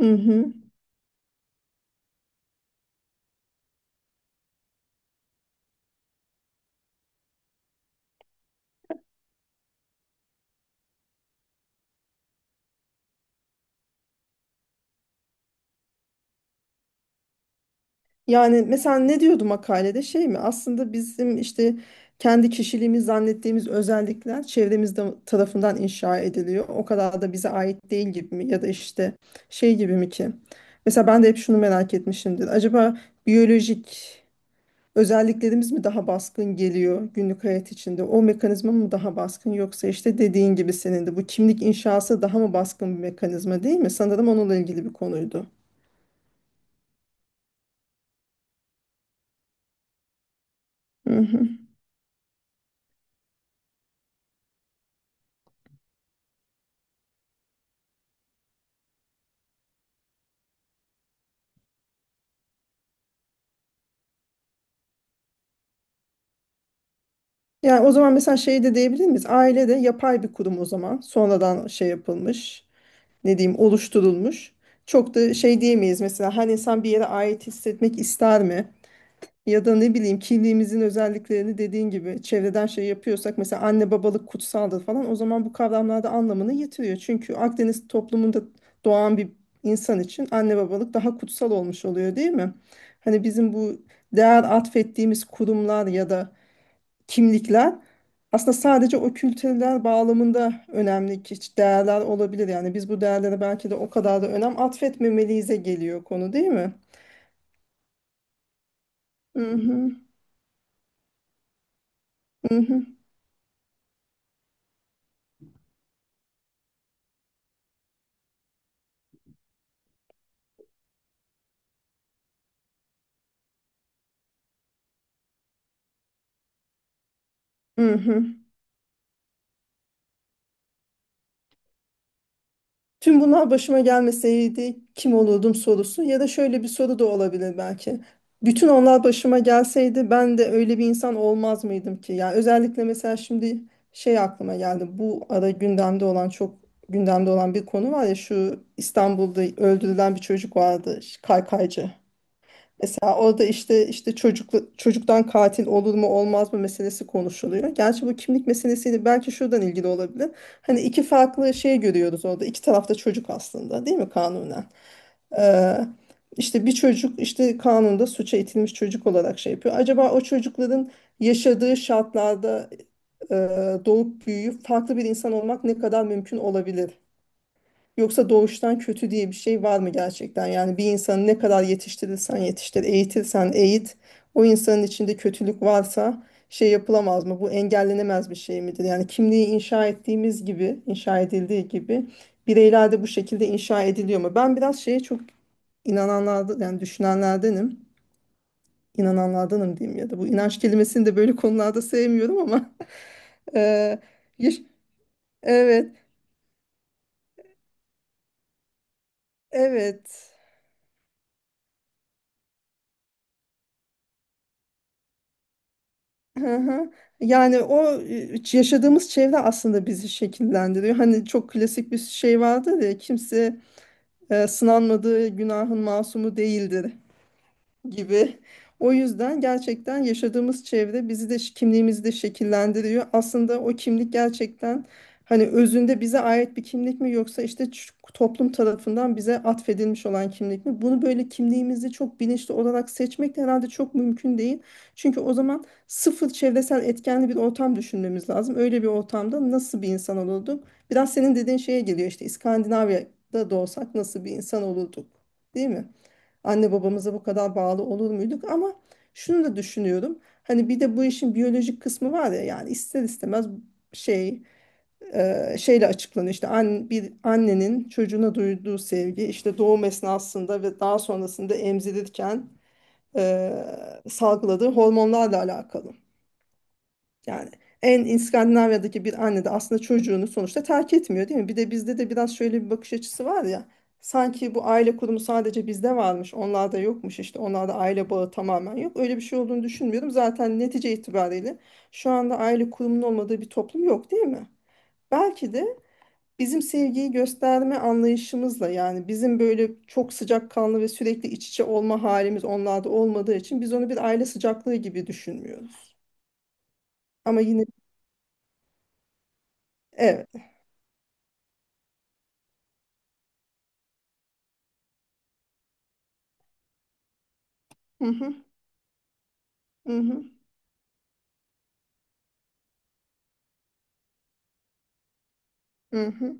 Hı hı. Yani mesela ne diyordu makalede şey mi? Aslında bizim işte kendi kişiliğimiz zannettiğimiz özellikler çevremizde tarafından inşa ediliyor. O kadar da bize ait değil gibi mi? Ya da işte şey gibi mi ki? Mesela ben de hep şunu merak etmişimdir. Acaba biyolojik özelliklerimiz mi daha baskın geliyor günlük hayat içinde? O mekanizma mı daha baskın yoksa işte dediğin gibi senin de bu kimlik inşası daha mı baskın bir mekanizma değil mi? Sanırım onunla ilgili bir konuydu. Hı hı. Yani o zaman mesela şey de diyebilir miyiz? Aile de yapay bir kurum o zaman. Sonradan şey yapılmış, ne diyeyim, oluşturulmuş. Çok da şey diyemeyiz mesela her insan bir yere ait hissetmek ister mi? Ya da ne bileyim kimliğimizin özelliklerini dediğin gibi çevreden şey yapıyorsak mesela anne babalık kutsaldır falan o zaman bu kavramlarda anlamını yitiriyor. Çünkü Akdeniz toplumunda doğan bir insan için anne babalık daha kutsal olmuş oluyor değil mi? Hani bizim bu değer atfettiğimiz kurumlar ya da kimlikler aslında sadece o kültürler bağlamında önemli ki değerler olabilir. Yani biz bu değerlere belki de o kadar da önem atfetmemeliyiz'e geliyor konu değil mi? Hı hı. Hı hı. Hı hı. Tüm bunlar başıma gelmeseydi kim olurdum sorusu ya da şöyle bir soru da olabilir belki. Bütün onlar başıma gelseydi ben de öyle bir insan olmaz mıydım ki? Yani özellikle mesela şimdi şey aklıma geldi. Bu ara gündemde olan bir konu var ya şu İstanbul'da öldürülen bir çocuk vardı kaykaycı. Mesela orada işte işte çocuktan katil olur mu olmaz mı meselesi konuşuluyor. Gerçi bu kimlik meselesiyle belki şuradan ilgili olabilir. Hani iki farklı şey görüyoruz orada. İki tarafta çocuk aslında değil mi kanunen? Ee, işte bir çocuk işte kanunda suça itilmiş çocuk olarak şey yapıyor. Acaba o çocukların yaşadığı şartlarda e, doğup büyüyüp farklı bir insan olmak ne kadar mümkün olabilir? Yoksa doğuştan kötü diye bir şey var mı gerçekten? Yani bir insanı ne kadar yetiştirirsen yetiştir, eğitirsen eğit, o insanın içinde kötülük varsa şey yapılamaz mı? Bu engellenemez bir şey midir? Yani kimliği inşa ettiğimiz gibi, inşa edildiği gibi bireyler de bu şekilde inşa ediliyor mu? Ben biraz şeye çok inananlardan, yani düşünenlerdenim. İnananlardanım diyeyim ya da bu inanç kelimesini de böyle konularda sevmiyorum ama eee, yaş- evet, evet. Hı hı. Yani o yaşadığımız çevre aslında bizi şekillendiriyor. Hani çok klasik bir şey vardır ya kimse sınanmadığı günahın masumu değildir gibi. O yüzden gerçekten yaşadığımız çevre bizi de kimliğimizi de şekillendiriyor. Aslında o kimlik gerçekten hani özünde bize ait bir kimlik mi yoksa işte toplum tarafından bize atfedilmiş olan kimlik mi? Bunu böyle kimliğimizi çok bilinçli olarak seçmek de herhalde çok mümkün değil. Çünkü o zaman sıfır çevresel etkenli bir ortam düşünmemiz lazım. Öyle bir ortamda nasıl bir insan olurduk? Biraz senin dediğin şeye geliyor işte İskandinavya'da doğsak nasıl bir insan olurduk? Değil mi? Anne babamıza bu kadar bağlı olur muyduk? Ama şunu da düşünüyorum. Hani bir de bu işin biyolojik kısmı var ya yani ister istemez şey şeyle açıklanıyor işte bir annenin çocuğuna duyduğu sevgi işte doğum esnasında ve daha sonrasında emzirirken e, salgıladığı hormonlarla alakalı. Yani en İskandinavya'daki bir anne de aslında çocuğunu sonuçta terk etmiyor değil mi? Bir de bizde de biraz şöyle bir bakış açısı var ya. Sanki bu aile kurumu sadece bizde varmış, onlarda yokmuş işte. Onlarda aile bağı tamamen yok. Öyle bir şey olduğunu düşünmüyorum. Zaten netice itibariyle şu anda aile kurumunun olmadığı bir toplum yok değil mi? Belki de bizim sevgiyi gösterme anlayışımızla yani bizim böyle çok sıcakkanlı ve sürekli iç içe olma halimiz onlarda olmadığı için biz onu bir aile sıcaklığı gibi düşünmüyoruz. Ama yine evet. Hı hı. Hı hı, hı hı,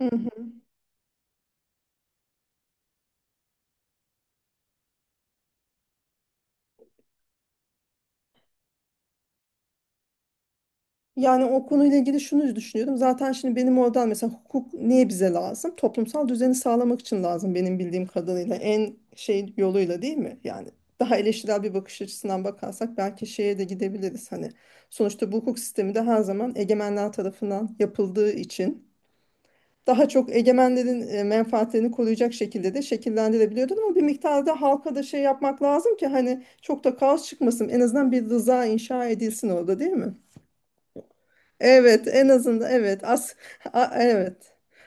hı hı. Yani o konuyla ilgili şunu düşünüyordum. Zaten şimdi benim oradan mesela hukuk niye bize lazım? Toplumsal düzeni sağlamak için lazım benim bildiğim kadarıyla. En şey yoluyla değil mi? Yani daha eleştirel bir bakış açısından bakarsak belki şeye de gidebiliriz. Hani sonuçta bu hukuk sistemi de her zaman egemenler tarafından yapıldığı için daha çok egemenlerin menfaatlerini koruyacak şekilde de şekillendirilebiliyordur ama bir miktarda halka da şey yapmak lazım ki hani çok da kaos çıkmasın en azından bir rıza inşa edilsin orada değil mi? Evet, en azından evet. Evet.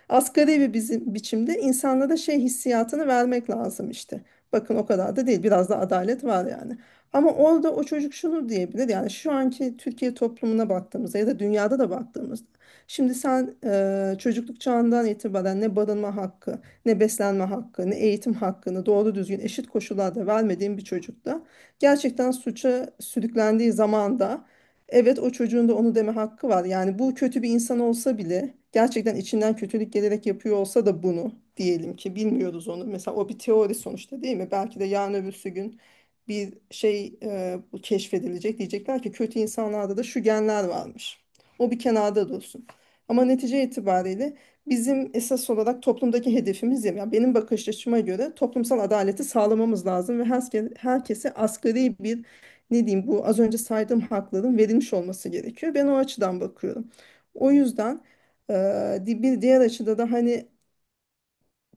Asgari bir bizim biçimde insanlara şey hissiyatını vermek lazım işte. Bakın o kadar da değil. Biraz da adalet var yani. Ama orada o çocuk şunu diyebilir. Yani şu anki Türkiye toplumuna baktığımızda ya da dünyada da baktığımızda. Şimdi sen çocukluk çağından itibaren ne barınma hakkı, ne beslenme hakkı, ne eğitim hakkını doğru düzgün eşit koşullarda vermediğin bir çocukta gerçekten suça sürüklendiği zamanda. Evet, o çocuğun da onu deme hakkı var. Yani bu kötü bir insan olsa bile gerçekten içinden kötülük gelerek yapıyor olsa da bunu diyelim ki bilmiyoruz onu. Mesela o bir teori sonuçta değil mi? Belki de yarın öbürsü gün bir şey bu keşfedilecek. Diyecekler ki kötü insanlarda da şu genler varmış. O bir kenarda dursun. Ama netice itibariyle bizim esas olarak toplumdaki hedefimiz ya yani benim bakış açıma göre toplumsal adaleti sağlamamız lazım ve herkese, herkese asgari bir ne diyeyim bu az önce saydığım hakların verilmiş olması gerekiyor. Ben o açıdan bakıyorum. O yüzden bir diğer açıda da hani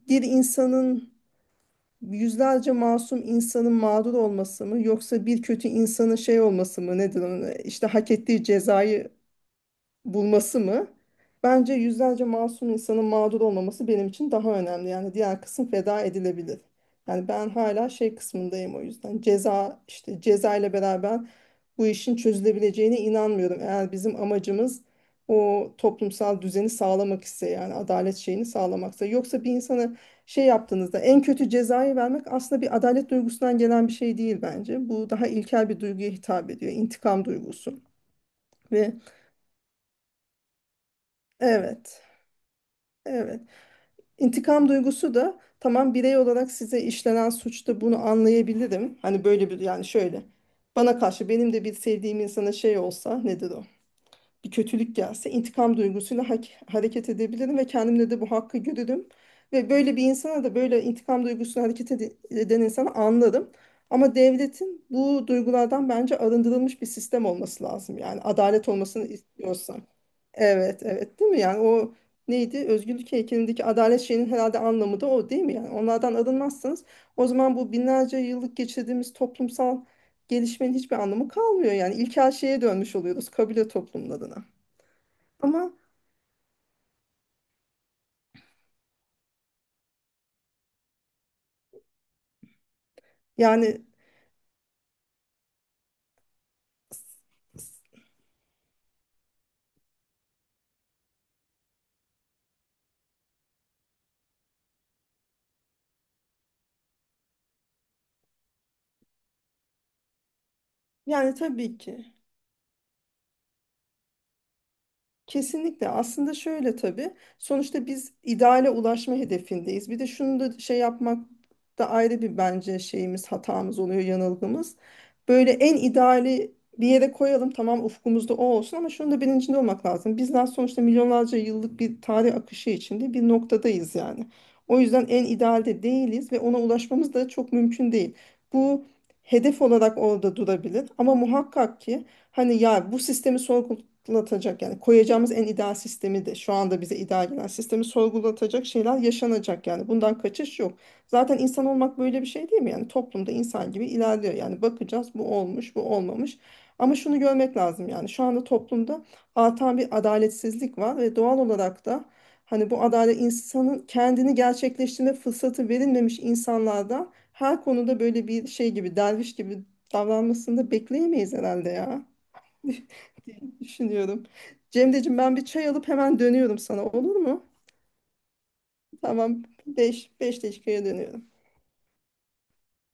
bir insanın yüzlerce masum insanın mağdur olması mı yoksa bir kötü insanın şey olması mı nedir onun işte hak ettiği cezayı bulması mı? Bence yüzlerce masum insanın mağdur olmaması benim için daha önemli. Yani diğer kısım feda edilebilir. Yani ben hala şey kısmındayım o yüzden. Ceza işte ceza ile beraber bu işin çözülebileceğine inanmıyorum. Eğer bizim amacımız o toplumsal düzeni sağlamak ise yani adalet şeyini sağlamaksa. Yoksa bir insana şey yaptığınızda en kötü cezayı vermek aslında bir adalet duygusundan gelen bir şey değil bence. Bu daha ilkel bir duyguya hitap ediyor. İntikam duygusu. Ve evet. Evet. İntikam duygusu da tamam birey olarak size işlenen suçta bunu anlayabilirim. Hani böyle bir yani şöyle bana karşı benim de bir sevdiğim insana şey olsa nedir o? Bir kötülük gelse intikam duygusuyla hareket edebilirim ve kendimde de bu hakkı görürüm. Ve böyle bir insana da böyle intikam duygusuyla hareket eden insanı anlarım. Ama devletin bu duygulardan bence arındırılmış bir sistem olması lazım. Yani adalet olmasını istiyorsa. Evet, evet değil mi? Yani o neydi? Özgürlük heykelindeki adalet şeyinin herhalde anlamı da o değil mi? Yani onlardan arınmazsanız o zaman bu binlerce yıllık geçirdiğimiz toplumsal gelişmenin hiçbir anlamı kalmıyor. Yani ilkel şeye dönmüş oluyoruz kabile toplumlarına. Ama yani yani tabii ki. Kesinlikle aslında şöyle tabii sonuçta biz ideale ulaşma hedefindeyiz. Bir de şunu da şey yapmak da ayrı bir bence şeyimiz hatamız oluyor yanılgımız. Böyle en ideali bir yere koyalım tamam ufkumuzda o olsun ama şunun da bilincinde olmak lazım. Bizler sonuçta milyonlarca yıllık bir tarih akışı içinde bir noktadayız yani. O yüzden en idealde değiliz ve ona ulaşmamız da çok mümkün değil. Bu hedef olarak orada durabilir ama muhakkak ki hani ya bu sistemi sorgulatacak yani koyacağımız en ideal sistemi de şu anda bize ideal gelen sistemi sorgulatacak şeyler yaşanacak yani bundan kaçış yok. Zaten insan olmak böyle bir şey değil mi? Yani toplumda insan gibi ilerliyor. Yani bakacağız bu olmuş, bu olmamış. Ama şunu görmek lazım yani şu anda toplumda artan bir adaletsizlik var ve doğal olarak da hani bu adalet insanın kendini gerçekleştirme fırsatı verilmemiş insanlardan her konuda böyle bir şey gibi derviş gibi davranmasını da bekleyemeyiz herhalde ya. diye düşünüyorum. Cemre'cim ben bir çay alıp hemen dönüyorum sana olur mu? Tamam, beş dakikaya dönüyorum.